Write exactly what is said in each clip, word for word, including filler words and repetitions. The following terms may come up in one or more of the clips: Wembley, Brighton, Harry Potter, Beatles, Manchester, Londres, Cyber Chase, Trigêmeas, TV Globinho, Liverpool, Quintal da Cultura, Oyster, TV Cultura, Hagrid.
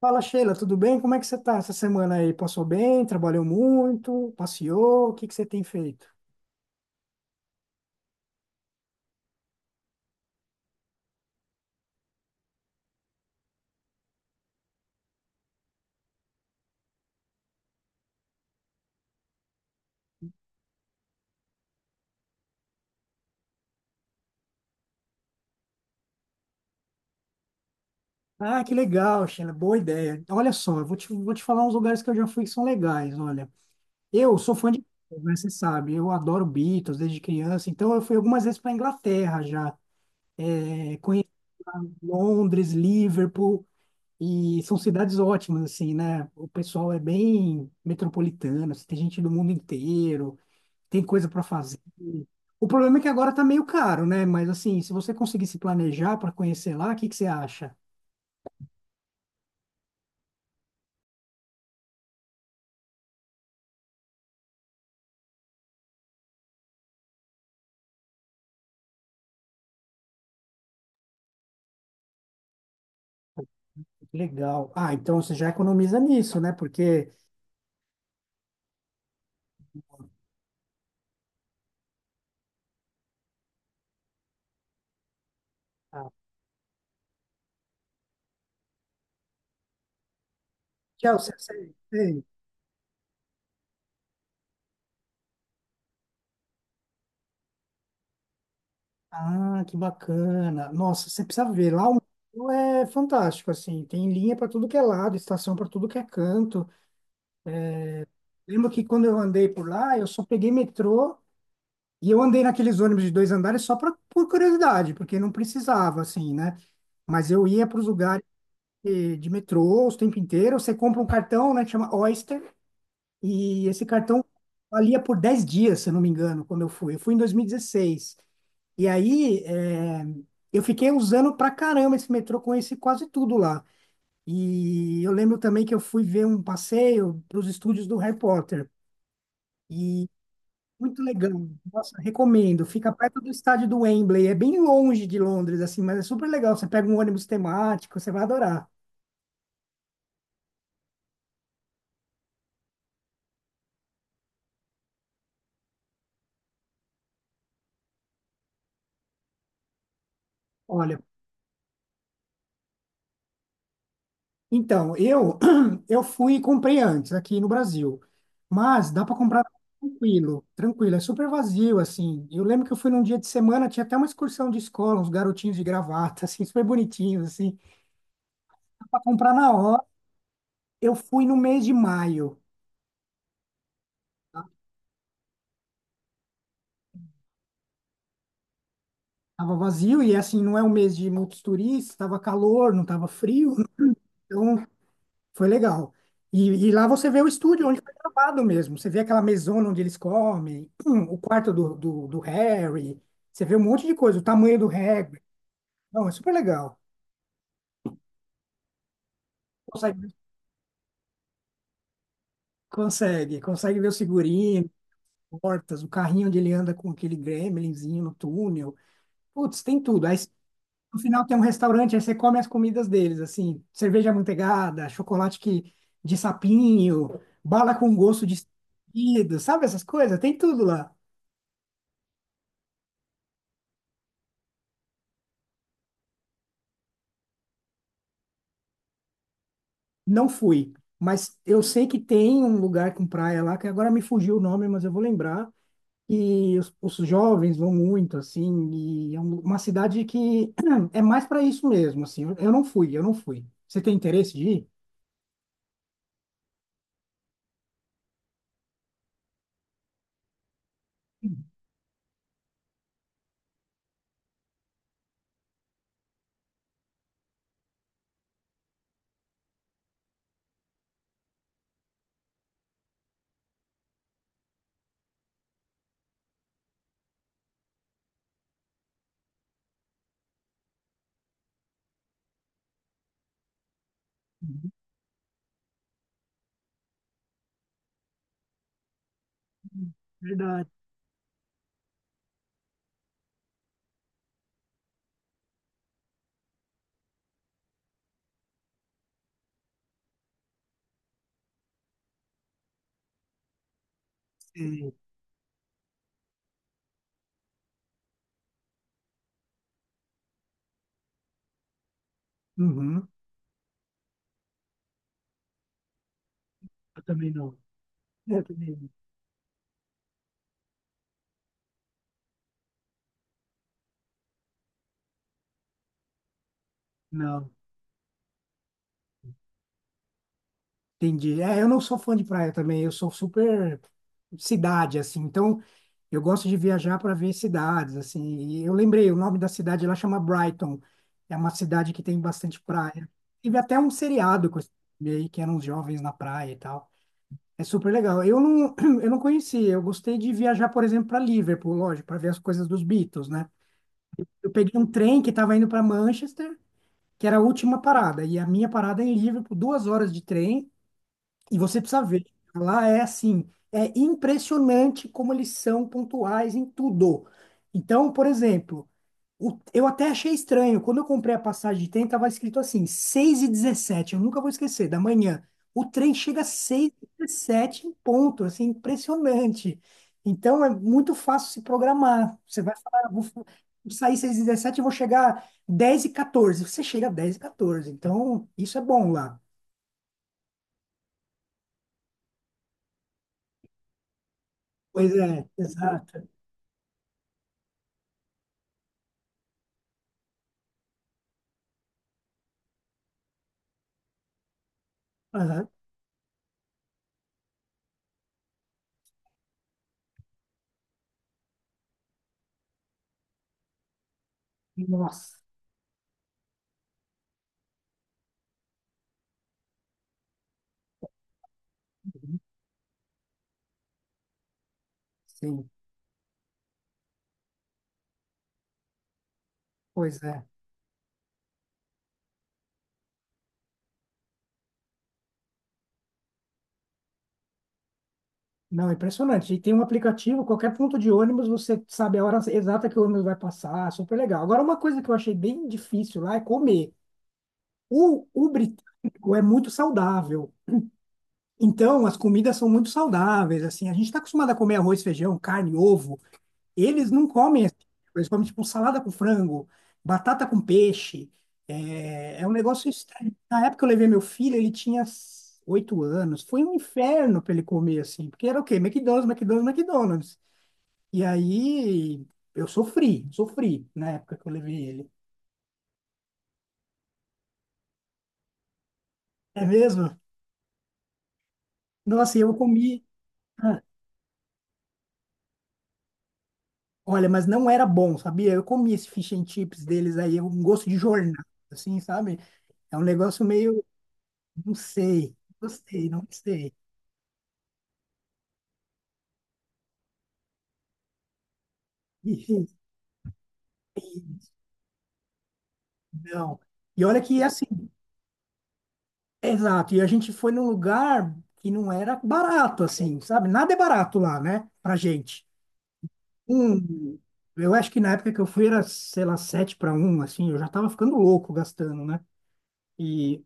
Fala, Sheila, tudo bem? Como é que você tá essa semana aí? Passou bem? Trabalhou muito? Passeou? O que que você tem feito? Ah, que legal, Sheila, boa ideia. Olha só, eu vou te, vou te falar uns lugares que eu já fui que são legais, olha. Eu sou fã de Beatles, né? Você sabe, eu adoro Beatles desde criança, então eu fui algumas vezes para Inglaterra já. Eu conheci Londres, Liverpool, e são cidades ótimas, assim, né? O pessoal é bem metropolitano, assim, tem gente do mundo inteiro. Tem coisa para fazer. O problema é que agora tá meio caro, né? Mas assim, se você conseguir se planejar para conhecer lá, o que que você acha? Legal. Ah, então você já economiza nisso, né? Porque. Ah, tchau, você, você- você- Ah, que bacana. Nossa, você precisa ver. Lá o museu é fantástico, assim. Tem linha para tudo que é lado, estação para tudo que é canto. Lembro que quando eu andei por lá, eu só peguei metrô e eu andei naqueles ônibus de dois andares só pra, por curiosidade, porque não precisava, assim, né? Mas eu ia para os lugares de, de metrô o tempo inteiro. Você compra um cartão, né, que chama Oyster, e esse cartão valia por dez dias, se eu não me engano, quando eu fui. Eu fui em dois mil e dezesseis. E dezesseis. E aí, é, eu fiquei usando pra caramba esse metrô, conheci quase tudo lá. E eu lembro também que eu fui ver um passeio para os estúdios do Harry Potter. E muito legal. Nossa, recomendo. Fica perto do estádio do Wembley. É bem longe de Londres, assim, mas é super legal. Você pega um ônibus temático, você vai adorar. Olha, então, eu eu fui e comprei antes aqui no Brasil, mas dá para comprar tranquilo, tranquilo, é super vazio assim. Eu lembro que eu fui num dia de semana, tinha até uma excursão de escola, uns garotinhos de gravata, assim, super bonitinhos assim, para comprar na hora. Eu fui no mês de maio, tá? Tava vazio e assim não é um mês de muitos turistas, tava calor, não tava frio, então foi legal. E, e lá você vê o estúdio onde foi gravado mesmo. Você vê aquela mesona onde eles comem, hum, o quarto do, do, do Harry. Você vê um monte de coisa, o tamanho do Hagrid. Não, é super legal. Consegue, consegue, consegue ver o figurino, portas, o carrinho onde ele anda com aquele gremlinzinho no túnel. Putz, tem tudo. Aí no final tem um restaurante, aí você come as comidas deles, assim, cerveja amanteigada, chocolate que, de sapinho, bala com gosto de escolhido, sabe essas coisas? Tem tudo lá. Não fui, mas eu sei que tem um lugar com praia lá, que agora me fugiu o nome, mas eu vou lembrar. E os, os jovens vão muito, assim, e é um- uma cidade que é mais para isso mesmo, assim. Eu, eu não fui, eu não fui. Você tem interesse de ir? Uhum. Verdade, sim. Uhum. Eu também não. É, também não. Entendi. É, eu não sou fã de praia também, eu sou super cidade, assim. Então, eu gosto de viajar para ver cidades, assim. E eu lembrei, o nome da cidade lá chama Brighton. É uma cidade que tem bastante praia. Tive até um seriado com esse filme aí, que eram os jovens na praia e tal. É super legal. Eu não, eu não conhecia, eu gostei de viajar, por exemplo, para Liverpool, lógico, para ver as coisas dos Beatles, né? Eu peguei um trem que estava indo para Manchester, que era a última parada, e a minha parada é em Liverpool, duas horas de trem. E você precisa ver, lá é assim, é impressionante como eles são pontuais em tudo. Então, por exemplo, o- eu até achei estranho, quando eu comprei a passagem de trem, tava escrito assim, seis e dezessete, eu nunca vou esquecer, da manhã. O trem chega às seis e dezessete em ponto, assim, impressionante. Então, é muito fácil se programar. Você vai falar, "Ah, vou f- sair seis e dezessete e vou chegar dez e quatorze. Você chega dez e quatorze, então isso é bom lá." Pois é, exato. Aham. Nossa, sim, pois é. Não, é impressionante. E tem um aplicativo, qualquer ponto de ônibus, você sabe a hora exata que o ônibus vai passar, super legal. Agora, uma coisa que eu achei bem difícil lá é comer. O, o britânico é muito saudável. Então, as comidas são muito saudáveis, assim. A gente está acostumado a comer arroz, feijão, carne, ovo. Eles não comem esse tipo, eles comem tipo salada com frango, batata com peixe. É, é um negócio estranho. Na época que eu levei meu filho, ele tinha s- oito anos. Foi um inferno para ele comer assim, porque era o quê? McDonald's, McDonald's, McDonald's. E aí eu sofri, sofri na época que eu levei ele. É mesmo? Nossa, e eu comi. Ah, olha, mas não era bom, sabia? Eu comi esse fish and chips deles aí, um gosto de jornal, assim, sabe? É um negócio meio, não sei, não sei, não sei. E- e- Não. E olha que assim, exato. E a gente foi num lugar que não era barato, assim, sabe? Nada é barato lá, né? Pra gente. Um, eu acho que na época que eu fui era, sei lá, sete para um assim, eu já tava ficando louco gastando, né? E,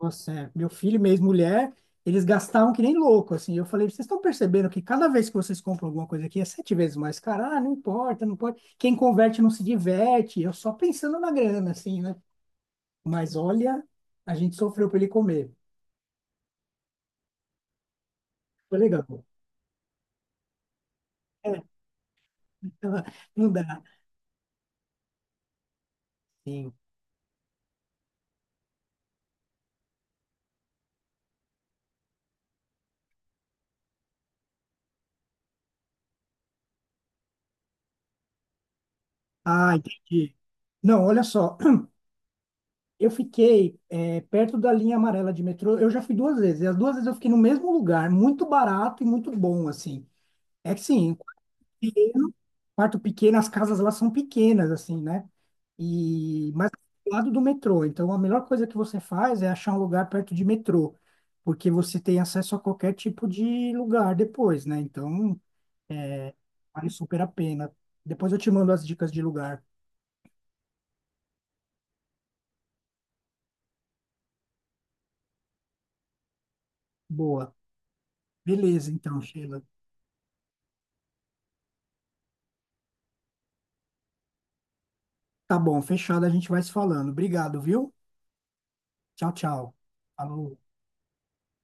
nossa, é, meu filho e minha ex-mulher, eles gastavam que nem louco, assim. Eu falei, vocês estão percebendo que cada vez que vocês compram alguma coisa aqui é sete vezes mais cara? Ah, não importa, não pode. Quem converte não se diverte. Eu só pensando na grana, assim, né? Mas olha, a gente sofreu para ele comer. Foi legal. É, não dá. Sim. Ah, entendi. Não, olha só. Eu fiquei é, perto da linha amarela de metrô. Eu já fui duas vezes. E as duas vezes eu fiquei no mesmo lugar, muito barato e muito bom, assim. É que sim, quarto pequeno, quarto pequeno, as casas lá são pequenas, assim, né? E, mas do lado do metrô. Então, a melhor coisa que você faz é achar um lugar perto de metrô, porque você tem acesso a qualquer tipo de lugar depois, né? Então, é, vale super a pena. Depois eu te mando as dicas de lugar. Boa. Beleza, então, Sheila. Tá bom, fechado, a gente vai se falando. Obrigado, viu? Tchau, tchau. Falou.